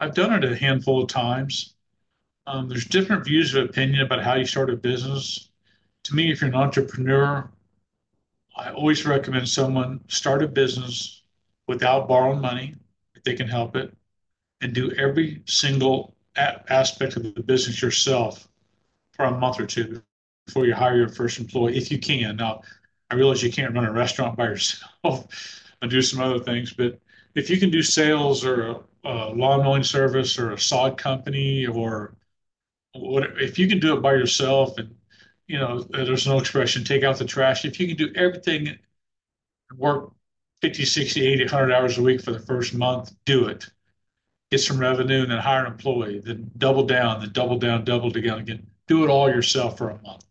I've done it a handful of times. There's different views of opinion about how you start a business. To me, if you're an entrepreneur, I always recommend someone start a business without borrowing money if they can help it and do every single aspect of the business yourself for a month or two before you hire your first employee, if you can. Now, I realize you can't run a restaurant by yourself and do some other things, but if you can do sales or a lawn mowing service or a sod company or what, if you can do it by yourself and there's no expression, take out the trash. If you can do everything, work 50, 60, 80, 100 hours a week for the first month, do it. Get some revenue and then hire an employee, then double down again. Do it all yourself for a month.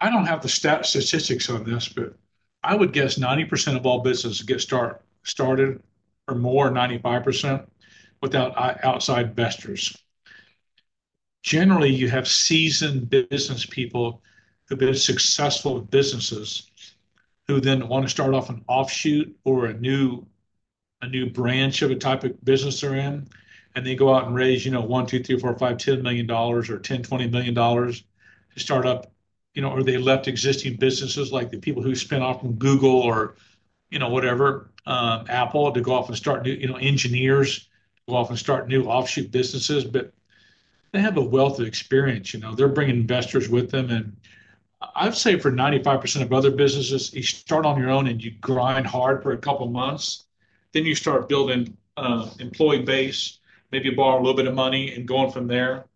I don't have the statistics on this, but I would guess 90% of all businesses get started or more, 95% without outside investors. Generally, you have seasoned business people who've been successful with businesses who then want to start off an offshoot or a new branch of a type of business they're in, and they go out and raise, one, two, three, four, five, $10 million or ten, $20 million to start up, or they left existing businesses like the people who spin off from Google or you know whatever Apple to go off and start new, engineers go off and start new offshoot businesses, but they have a wealth of experience. They're bringing investors with them, and I'd say for 95% of other businesses, you start on your own and you grind hard for a couple months. Then you start building employee base, maybe borrow a little bit of money and going from there.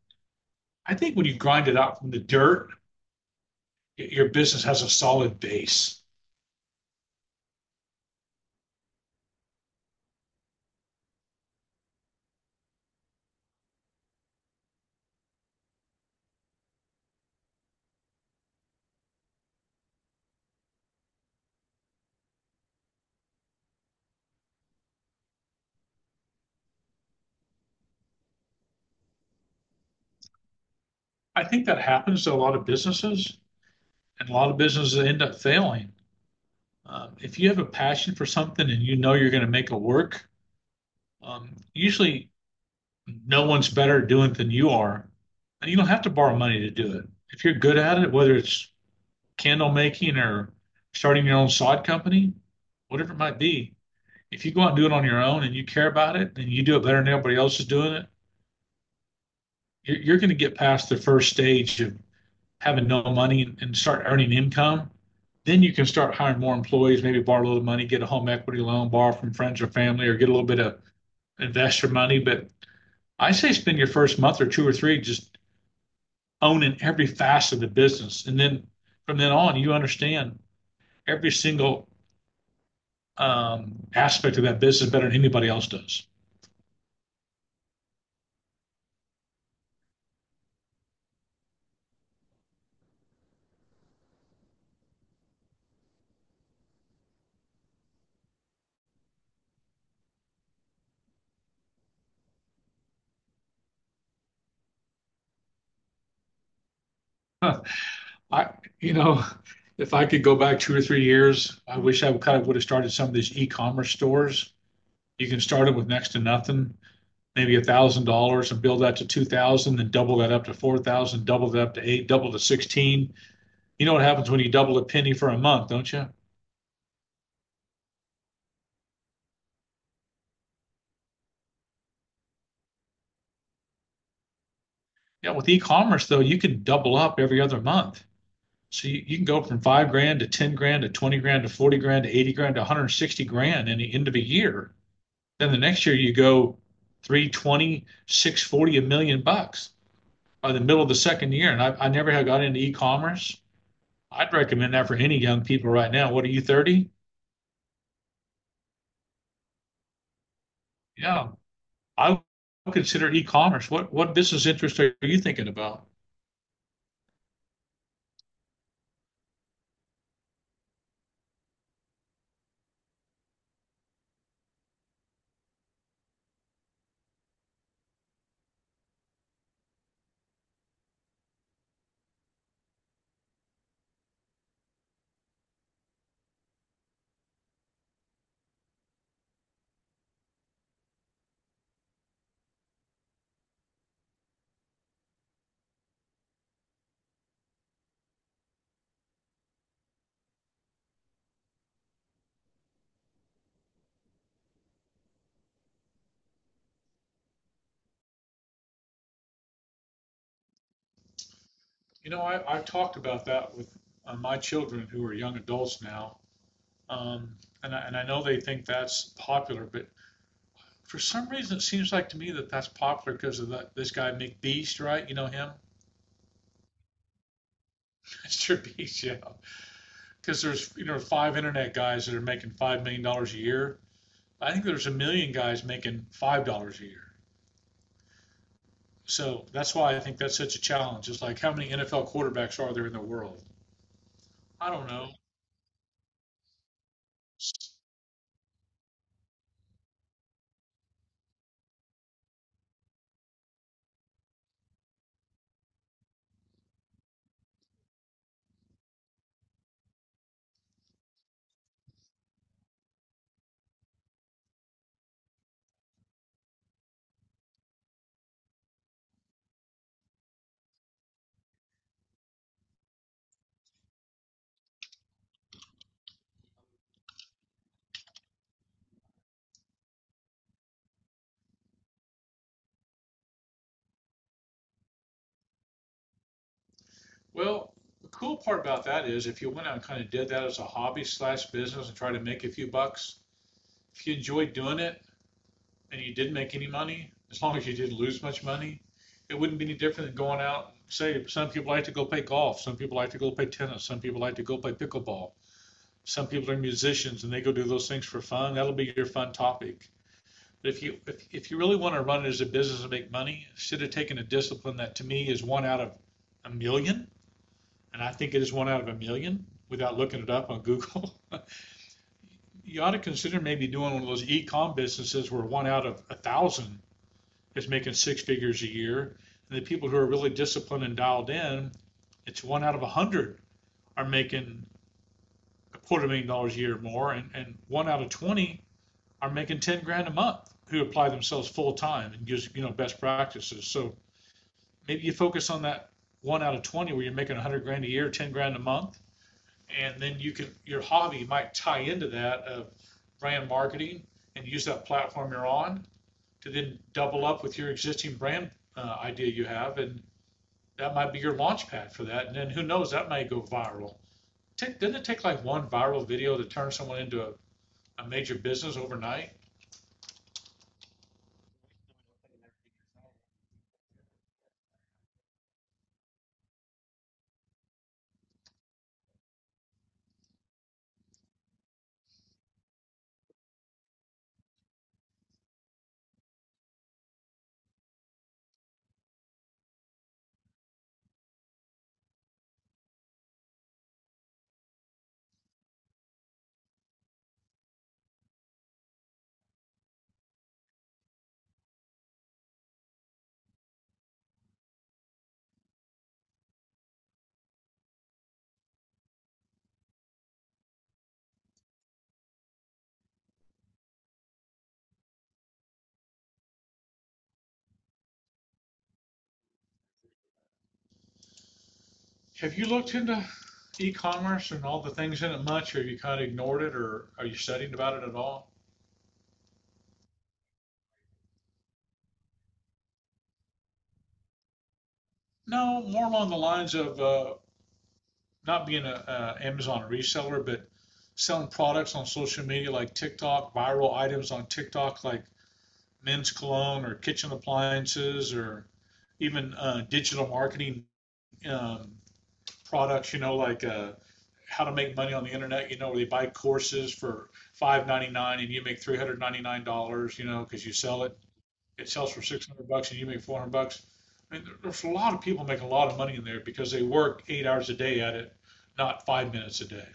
I think when you grind it out from the dirt, your business has a solid base. I think that happens to a lot of businesses, and a lot of businesses end up failing. If you have a passion for something and you know you're going to make it work, usually no one's better at doing it than you are. And you don't have to borrow money to do it. If you're good at it, whether it's candle making or starting your own sod company, whatever it might be, if you go out and do it on your own and you care about it and you do it better than everybody else is doing it, you're going to get past the first stage of having no money and start earning income. Then you can start hiring more employees, maybe borrow a little money, get a home equity loan, borrow from friends or family, or get a little bit of investor money. But I say spend your first month or two or three just owning every facet of the business. And then from then on, you understand every single aspect of that business better than anybody else does. Huh. I, you know, if I could go back 2 or 3 years, I wish I kind of would have started some of these e-commerce stores. You can start them with next to nothing, maybe $1,000, and build that to $2,000, then double that up to $4,000, double that up to $8,000, double to $16,000. You know what happens when you double a penny for a month, don't you? Yeah, with e-commerce though, you can double up every other month. So you can go from 5 grand to 10 grand to 20 grand to 40 grand to 80 grand to 160 grand in the end of a year. Then the next year you go three twenty, six forty, 1 million bucks by the middle of the second year. And I never had got into e-commerce. I'd recommend that for any young people right now. What are you, 30? Yeah. I would consider e-commerce. What business interest are you thinking about? I've talked about that with my children who are young adults now. Um, and I know they think that's popular, but for some reason, it seems like to me that that's popular because of that, this guy McBeast, right? You know him, Mr. Beast, yeah. Because there's five internet guys that are making $5 million a year. I think there's a million guys making $5 a year. So that's why I think that's such a challenge. It's like how many NFL quarterbacks are there in the world? I don't know. Well, the cool part about that is if you went out and kind of did that as a hobby slash business and tried to make a few bucks, if you enjoyed doing it, and you didn't make any money, as long as you didn't lose much money, it wouldn't be any different than going out, say, some people like to go play golf, some people like to go play tennis, some people like to go play pickleball. Some people are musicians and they go do those things for fun. That'll be your fun topic. But if you really want to run it as a business and make money, instead of taking a discipline that to me is one out of a million, and I think it is one out of a million without looking it up on Google. You ought to consider maybe doing one of those e-com businesses where one out of a thousand is making six figures a year. And the people who are really disciplined and dialed in, it's one out of a hundred are making a quarter million dollars a year or more, and one out of 20 are making 10 grand a month who apply themselves full time and gives best practices. So maybe you focus on that one out of 20 where you're making 100 grand a year, 10 grand a month, and then you can your hobby might tie into that of brand marketing and use that platform you're on to then double up with your existing brand idea you have and that might be your launch pad for that. And then who knows, that may go viral. Take, didn't it take like one viral video to turn someone into a major business overnight? Have you looked into e-commerce and all the things in it much, or have you kind of ignored it, or are you studying about it at all? No, more along the lines of not being an Amazon reseller, but selling products on social media like TikTok, viral items on TikTok like men's cologne or kitchen appliances, or even digital marketing um, products, like how to make money on the internet, where they buy courses for 599 and you make $399, because you sell it. It sells for 600 bucks and you make 400 bucks. I mean, there's a lot of people making a lot of money in there because they work 8 hours a day at it, not 5 minutes a day.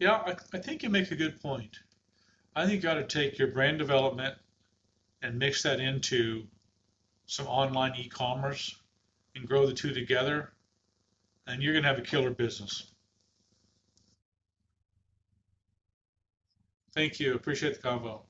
Yeah, I think you make a good point. I think you ought to take your brand development and mix that into some online e-commerce and grow the two together, and you're gonna have a killer business. Thank you. Appreciate the convo.